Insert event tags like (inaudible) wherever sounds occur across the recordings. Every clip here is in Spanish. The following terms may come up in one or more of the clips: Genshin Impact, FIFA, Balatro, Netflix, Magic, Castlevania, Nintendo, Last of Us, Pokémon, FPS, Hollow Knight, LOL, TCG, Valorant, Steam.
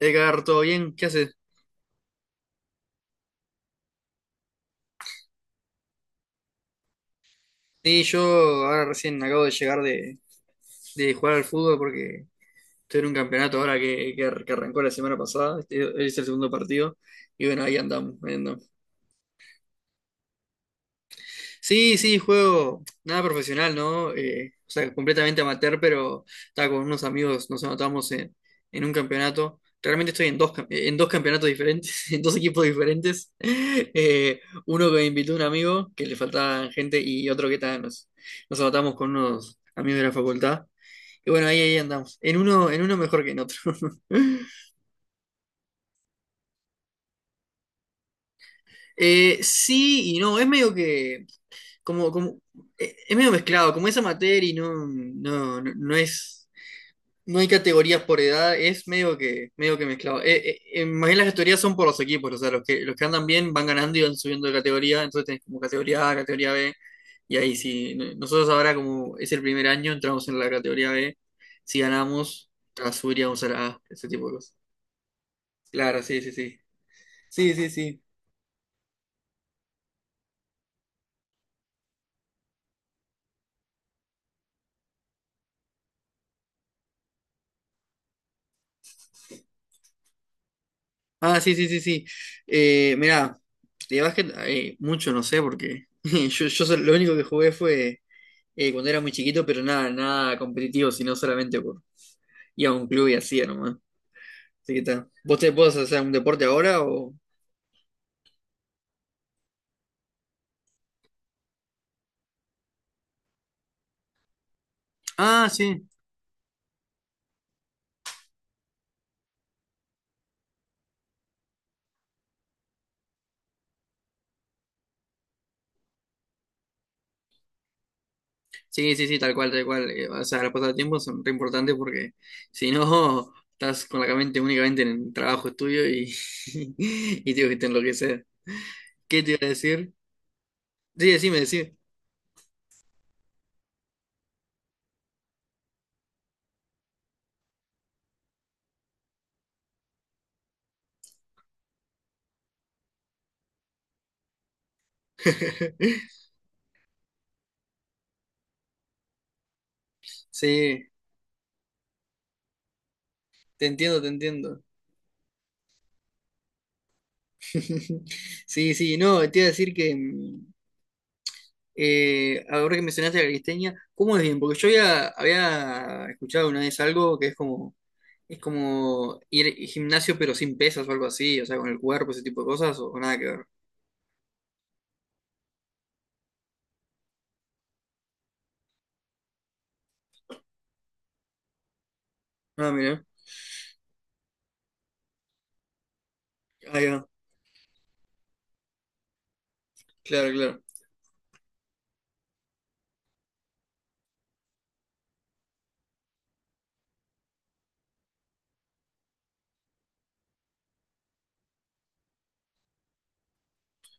Edgar, ¿todo bien? ¿Qué haces? Sí, yo ahora recién acabo de llegar de jugar al fútbol porque estoy en un campeonato ahora que arrancó la semana pasada. Este es el segundo partido. Y bueno, ahí andamos. Sí, sí, juego nada profesional, ¿no? O sea, completamente amateur, pero estaba con unos amigos, nos anotamos en un campeonato. Realmente estoy en dos campeonatos diferentes, (laughs) en dos equipos diferentes. (laughs) Eh, Uno que me invitó un amigo, que le faltaba gente, y otro que ta, nos anotamos con unos amigos de la facultad. Y bueno, ahí andamos. En uno mejor que en otro. (laughs) Sí y no, es medio que como, es medio mezclado, como esa materia y no hay categorías por edad, es medio que mezclado. Más bien las categorías son por los equipos, o sea, los que andan bien van ganando y van subiendo de categoría, entonces tenés como categoría A, categoría B, y ahí sí, nosotros ahora como es el primer año, entramos en la categoría B, si ganamos, ah, subiríamos a la A, ese tipo de cosas. Claro, sí, sí, sí. Sí, sí, sí. Ah, sí, sí, sí, sí. Mirá, de básquet mucho no sé, porque (laughs) lo único que jugué fue cuando era muy chiquito, pero nada, nada competitivo, sino solamente por ir a un club y hacía nomás. Así que está. ¿Vos te podés hacer un deporte ahora o? Ah, sí. Sí, sí, sí, tal cual, tal cual. O sea, los pasatiempos son re importantes porque (laughs) si no, estás con la mente únicamente en el trabajo, estudio y, (laughs) y tengo que te enloquecer. ¿Qué te iba a decir? Sí, decime, decime. (laughs) Sí. Te entiendo, te entiendo. (laughs) Sí, sí, no, te iba a decir que, ahora que mencionaste la cristeña, ¿cómo es bien? Porque yo ya había escuchado una vez algo que es como ir al gimnasio pero sin pesas o algo así, o sea, con el cuerpo, ese tipo de cosas, o nada que ver. Ah, mira, ahí va, claro, claro.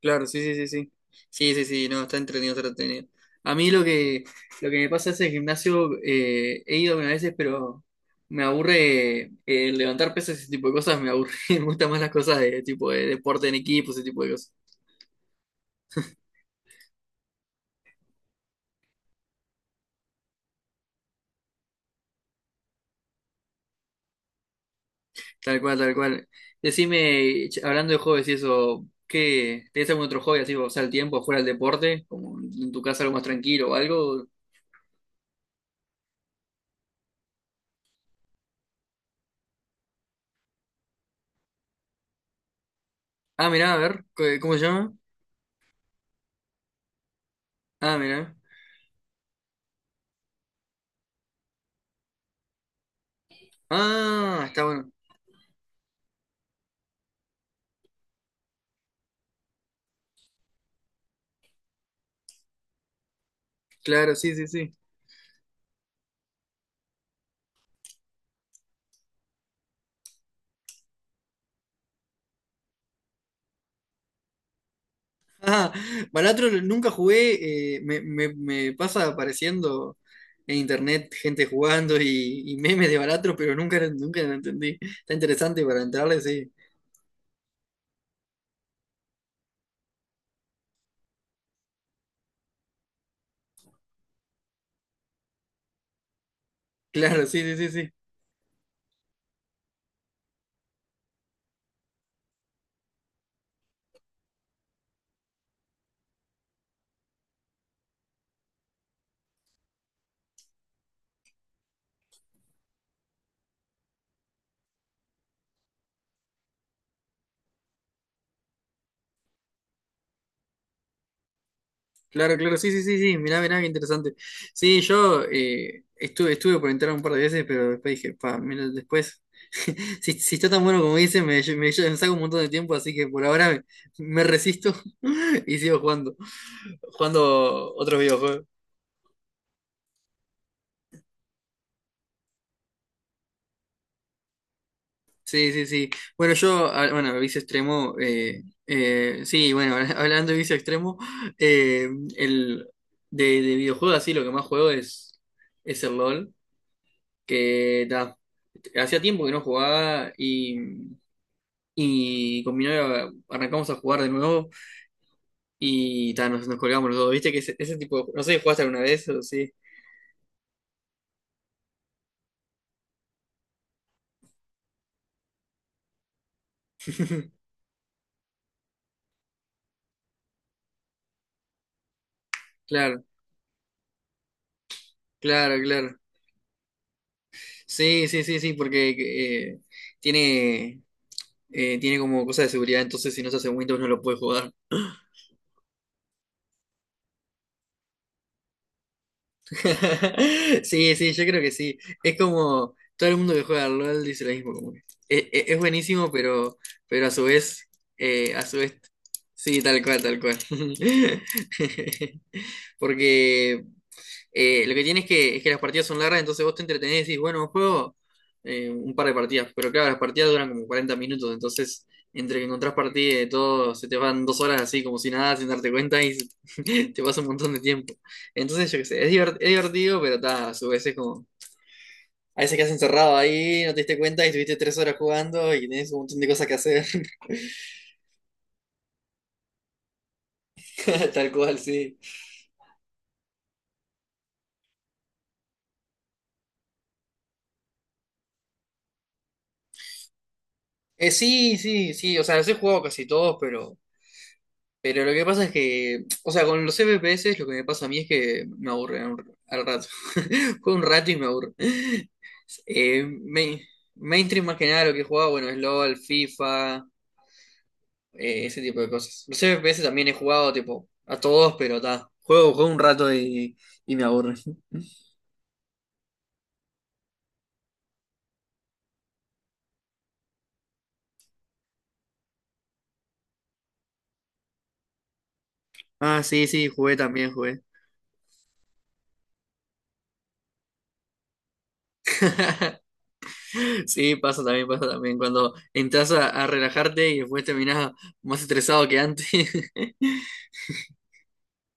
Claro, sí, sí, sí, sí. Sí, sí, sí, no, está entretenido, está entretenido. A mí lo que me pasa es el gimnasio, he ido algunas veces, pero me aburre levantar pesas y ese tipo de cosas, me aburre, (laughs) me gustan más las cosas de tipo de deporte en equipo, ese tipo de cosas. Tal cual, tal cual. Decime, hablando de hobbies y eso, ¿qué? ¿Tenés algún otro hobby así para pasar el tiempo fuera del deporte? Como en tu casa algo más tranquilo o algo. Ah, mirá, a ver, ¿cómo se llama? Ah, mirá. Ah, está bueno. Claro, sí, sí, sí. Ah, Balatro nunca jugué, me pasa apareciendo en internet gente jugando y memes de Balatro, pero nunca, nunca lo entendí. Está interesante para entrarle, sí. Claro, sí, sí, sí, sí. Claro, claro, sí, sí, sí, sí. Mirá, mirá, qué interesante. Sí, yo estuve por entrar un par de veces, pero después dije, pa, mira, después, (laughs) si está tan bueno como dice, me saca un montón de tiempo, así que por ahora me resisto (laughs) y sigo jugando otros videojuegos. Sí, sí, sí. Bueno, bueno, vicio extremo, sí, bueno, (laughs) hablando de vicio extremo, eh, el, de videojuegos así, lo que más juego es el LOL, que ta, hacía tiempo que no jugaba y con mi novia arrancamos a jugar de nuevo y ta, nos colgamos los dos, ¿viste? Que ese tipo de, no sé, si ¿jugaste alguna vez? O sí, claro, claro, claro. Sí, sí, sí, sí, porque eh, tiene... tiene como cosa de seguridad, entonces si no se hace en Windows no lo puedes jugar. (laughs) Sí, sí, yo creo que sí. Es como todo el mundo que juega al LOL dice lo mismo. Como que es buenísimo, pero a su vez, eh, a su vez, sí, tal cual, tal cual. (laughs) Porque lo que tienes es que las partidas son largas, entonces vos te entretenés y decís, bueno, juego un par de partidas. Pero claro, las partidas duran como 40 minutos, entonces entre que encontrás partidas y de todo, se te van 2 horas así como si nada, sin darte cuenta y (laughs) te pasa un montón de tiempo. Entonces, yo qué sé, es divertido, pero ta, a su vez es como. A veces quedas encerrado ahí, no te diste cuenta y estuviste 3 horas jugando y tenés un montón de cosas que hacer. (laughs) Tal cual, sí. Sí, sí, sí. O sea, los he jugado casi todos, pero. Pero lo que pasa es que, o sea, con los FPS lo que me pasa a mí es que me aburre al rato. (laughs) Juego un rato y me aburre. (laughs) Eh, main- Mainstream más que nada lo que he jugado, bueno, es LOL, FIFA, ese tipo de cosas. Los FPS también he jugado, tipo, a todos, pero está. Juego un rato y me aburre. (laughs) Ah, sí, sí, jugué también, jugué. (laughs) Sí, pasa también, pasa también. Cuando entras a relajarte y después terminás más estresado que antes. (laughs)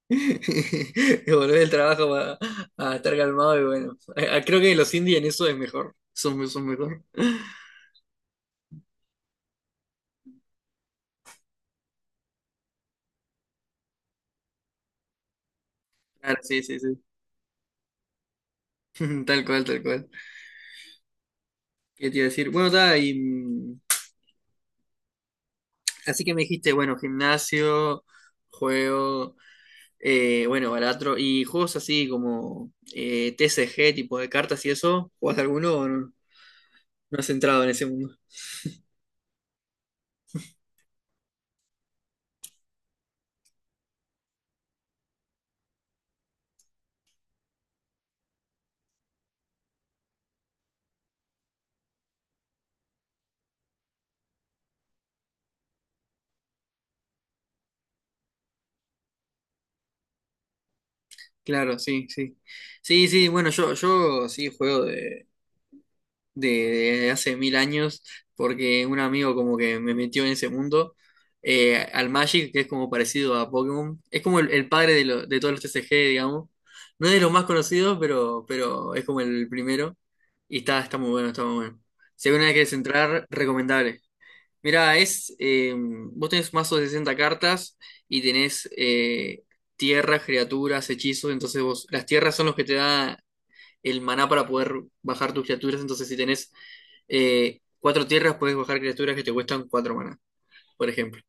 (laughs) Y volver del trabajo a estar calmado y bueno. Creo que los indies en eso es mejor. Son mejor. Claro, sí, sí, sí. (laughs) Tal cual, tal cual. ¿Qué te iba a decir? Bueno, está, y, así que me dijiste, bueno, gimnasio, juego, bueno, baratro, y juegos así como TCG, tipo de cartas y eso, ¿jugás alguno o no? No has entrado en ese mundo. Claro, sí, sí. Sí, sí, bueno, yo sí juego de, de hace mil años, porque un amigo como que me metió en ese mundo, al Magic, que es como parecido a Pokémon, es como el padre de todos los TCG, digamos. No es de los más conocidos, pero es como el primero. Y está muy bueno, está muy bueno. Si alguna vez quieres entrar, recomendable. Mirá, vos tenés mazo de 60 cartas y tenés tierras, criaturas, hechizos. Entonces vos, las tierras son los que te da el maná para poder bajar tus criaturas. Entonces, si tenés 4 tierras, puedes bajar criaturas que te cuestan 4 maná, por ejemplo.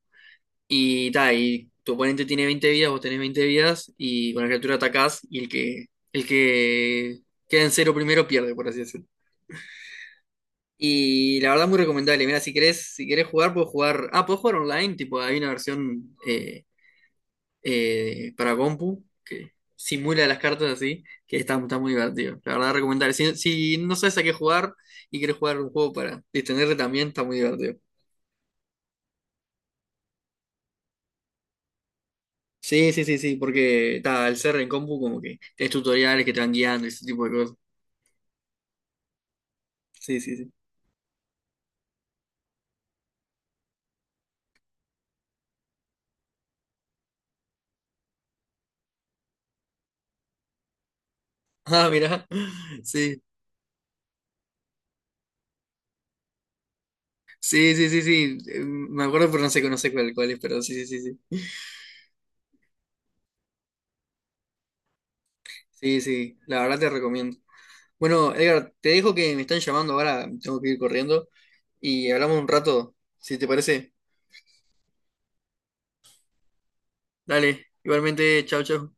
Y ta, y tu oponente tiene 20 vidas, vos tenés 20 vidas, y con la criatura atacás, y el que queda en 0 primero pierde, por así decirlo. Y la verdad es muy recomendable. Mira, si querés jugar, puedes jugar. Ah, puedes jugar online, tipo, hay una versión para compu, que simula las cartas así, que está muy divertido. La verdad, recomendable. Si no sabes a qué jugar y quieres jugar un juego para distenderte también, está muy divertido. Sí, sí, sí, sí, porque está, al ser en compu como que tenés tutoriales que te van guiando y ese tipo de cosas. Sí, sí, sí. (laughs) Ah, mirá. Sí, sí, sí, sí, sí. Me acuerdo, pero no sé cuál es, pero sí, sí, sí, sí. Sí, sí, la verdad te recomiendo. Bueno, Edgar, te dejo que me están llamando ahora, tengo que ir corriendo y hablamos un rato, si te parece. Dale, igualmente, chao, chao.